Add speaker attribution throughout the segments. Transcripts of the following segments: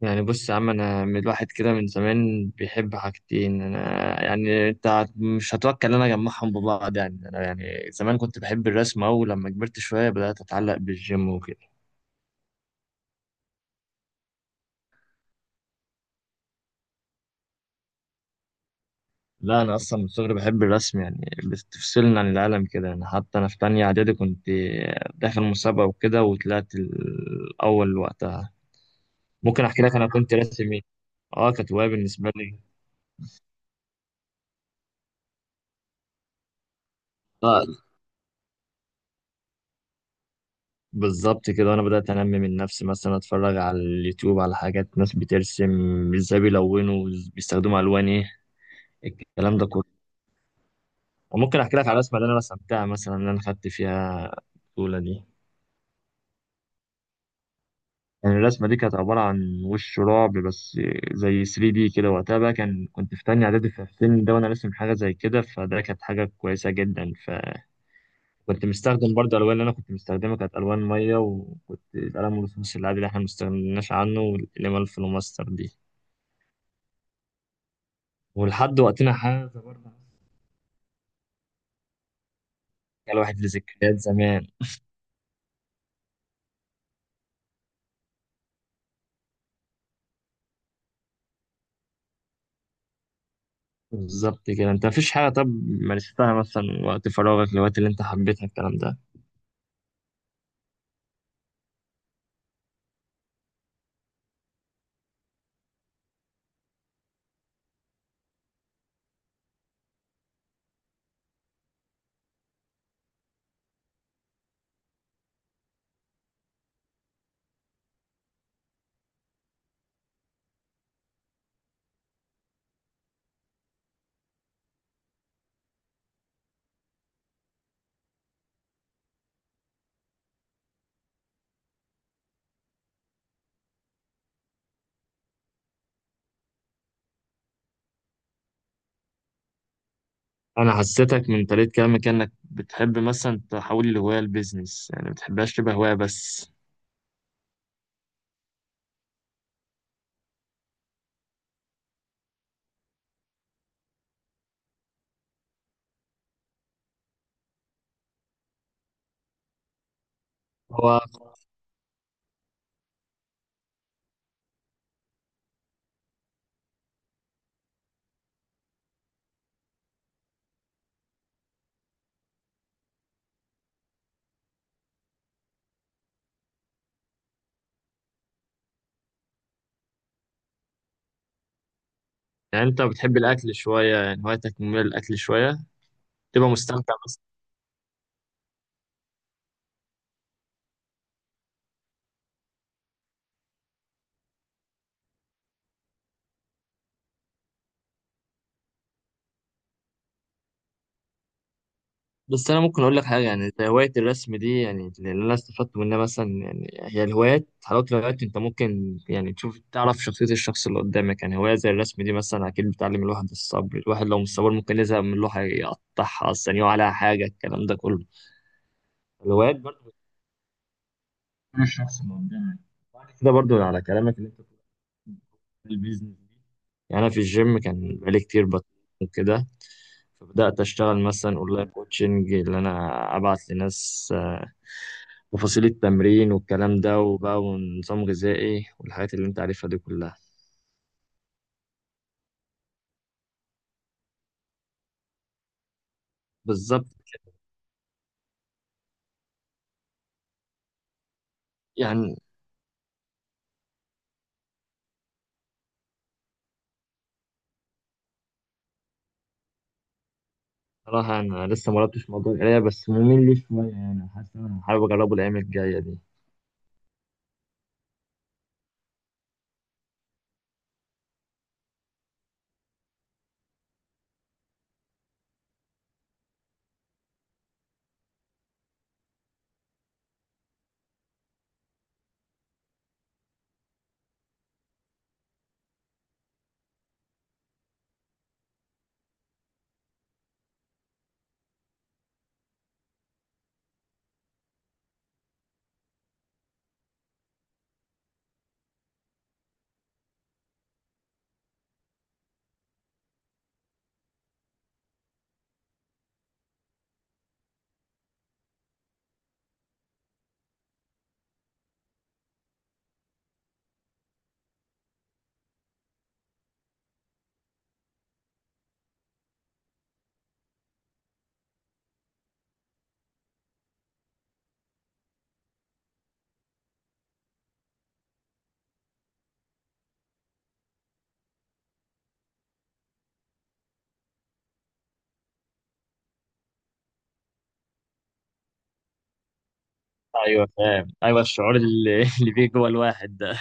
Speaker 1: يعني بص يا عم، انا من الواحد كده من زمان بيحب حاجتين. انا يعني انت مش هتوكل انا اجمعهم ببعض. يعني انا يعني زمان كنت بحب الرسم، او لما كبرت شويه بدات اتعلق بالجيم وكده. لا انا اصلا من صغري بحب الرسم، يعني بتفصلني عن العالم كده. يعني حتى انا في تانية اعدادي كنت داخل مسابقه وكده وطلعت الاول وقتها. ممكن احكي لك انا كنت راسم ايه. اه كانت هوايه بالنسبه لي. آه، بالظبط كده. وانا بدات انمي من نفسي، مثلا اتفرج على اليوتيوب على حاجات ناس بترسم ازاي، بيلونوا بيستخدموا الوان ايه، الكلام ده كله. وممكن احكي لك على الرسمه اللي انا رسمتها مثلا، اللي انا خدت فيها البطوله دي. يعني الرسمه دي كانت عباره عن وش رعب بس زي 3 دي كده. وقتها بقى كان كنت في تانية اعدادي، في السن ده وانا راسم حاجه زي كده، فده كانت حاجه كويسه جدا. فكنت مستخدم برضه الالوان، اللي انا كنت مستخدمها كانت الوان ميه، وكنت القلم الرصاص العادي اللي احنا ما استغناش عنه، والقلم الفلوماستر دي. ولحد وقتنا هذا برضه كان الواحد لذكريات زمان. بالظبط كده. انت مفيش حاجة طب مارستها مثلا وقت فراغك، الوقت اللي انت حبيتها، الكلام ده؟ انا حسيتك من طريقة كلامك انك بتحب مثلا تحول الهواية لبيزنس، يعني ما بتحبهاش تبقى هواية بس. هو يعني انت بتحب الاكل شوية، يعني هوايتك مميلة للاكل شوية، تبقى مستمتع؟ بس انا ممكن اقول لك حاجه، يعني زي هوايه الرسم دي يعني اللي انا استفدت منها مثلا. يعني هي الهوايات حلاوه الهوايات انت ممكن يعني تشوف تعرف شخصيه الشخص اللي قدامك. يعني هوايه زي الرسم دي مثلا اكيد بتعلم الواحد الصبر، الواحد لو مش صبور ممكن يزهق من لوحه يقطعها، اصلا يقع عليها حاجه، الكلام ده كله. الهوايات برضه بتكون الشخص اللي قدامك. بعد كده برضه على كلامك اللي انت بتقوله، البيزنس دي، يعني انا في الجيم كان بقالي كتير بطل وكده، فبدات اشتغل مثلا اونلاين كوتشنج، اللي انا ابعت لناس تفاصيل التمرين والكلام ده وبقى ونظام غذائي والحاجات اللي انت عارفها دي كلها. بالظبط. يعني صراحة أنا لسه ما جربتش موضوع القراية، بس ممل لي شوية، يعني حاسس إن أنا حابب أجربه الأيام الجاية دي. أيوه فاهم، أيوه الشعور اللي بيجي جوه الواحد ده.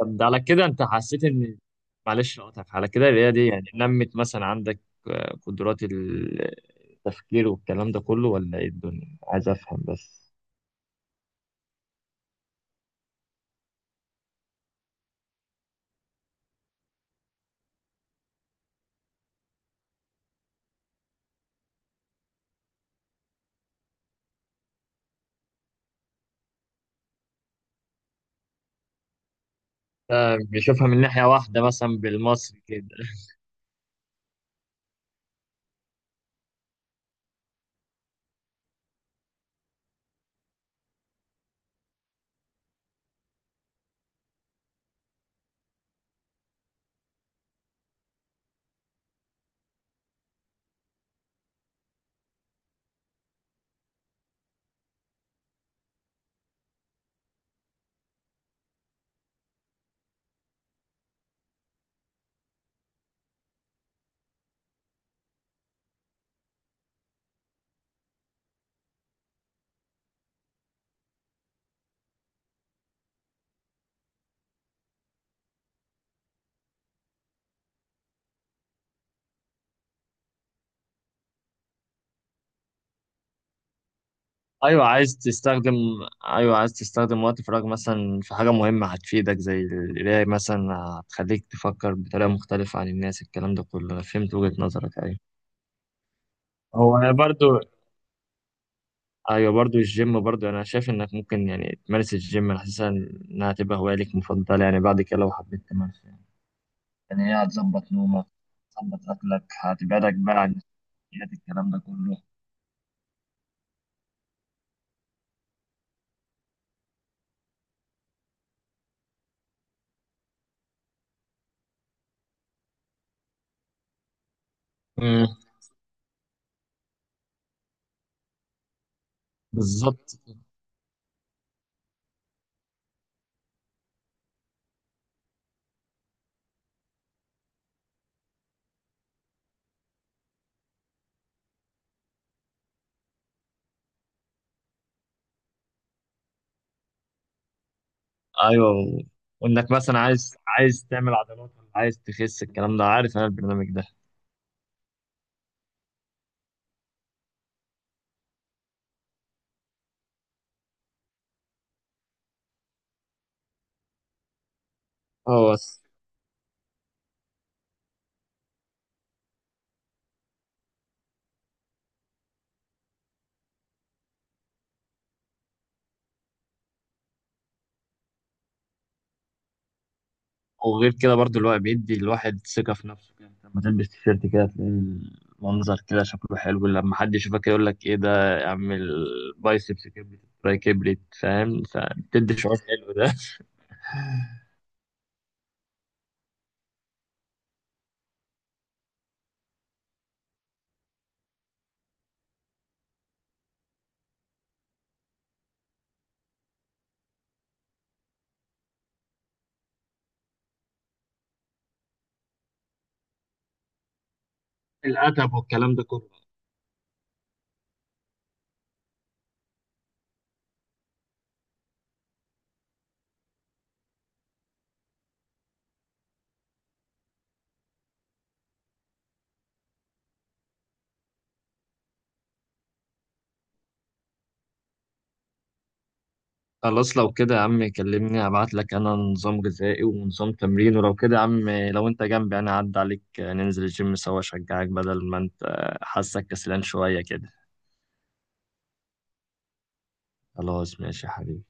Speaker 1: طب ده على كده أنت حسيت إن، معلش أقطعك على كده، القراية دي يعني نمت مثلا عندك قدرات التفكير والكلام ده كله، ولا إيه الدنيا؟ عايز أفهم بس. آه، بيشوفها من ناحية واحدة مثلا، بالمصري كده. ايوه عايز تستخدم، ايوه عايز تستخدم وقت فراغ مثلا في حاجه مهمه هتفيدك زي القرايه مثلا، هتخليك تفكر بطريقه مختلفه عن الناس، الكلام ده كله. انا فهمت وجهه نظرك، ايوه. هو انا برضو، ايوه برضو الجيم. برضو انا شايف انك ممكن يعني تمارس الجيم، انا حاسسها انها تبقى هوايه ليك مفضله يعني بعد كده لو حبيت تمارسها. يعني هي هتظبط نومك، هتظبط اكلك، هتبعدك بقى عن السكريات، الكلام ده كله. مم. بالظبط. ايوه. وانك مثلا عايز تعمل عضلات ولا عايز تخس، الكلام ده، عارف انا البرنامج ده. اه بس. وغير كده برضو، الوقت بيدي الواحد ثقة في نفسه كده، لما تلبس تيشيرت كده تلاقي المنظر كده شكله حلو، لما حد يشوفك يقول لك ايه ده، اعمل بايسبس كبريت تراي كبريت، فاهم؟ فبتدي شعور حلو ده. الأدب والكلام ده كله. خلاص لو كده يا عم كلمني، هبعت لك انا نظام غذائي ونظام تمرين. ولو كده يا عم لو انت جنبي انا هعدي عليك، ننزل الجيم سوا اشجعك، بدل ما انت حاسك كسلان شوية كده. خلاص ماشي يا حبيبي.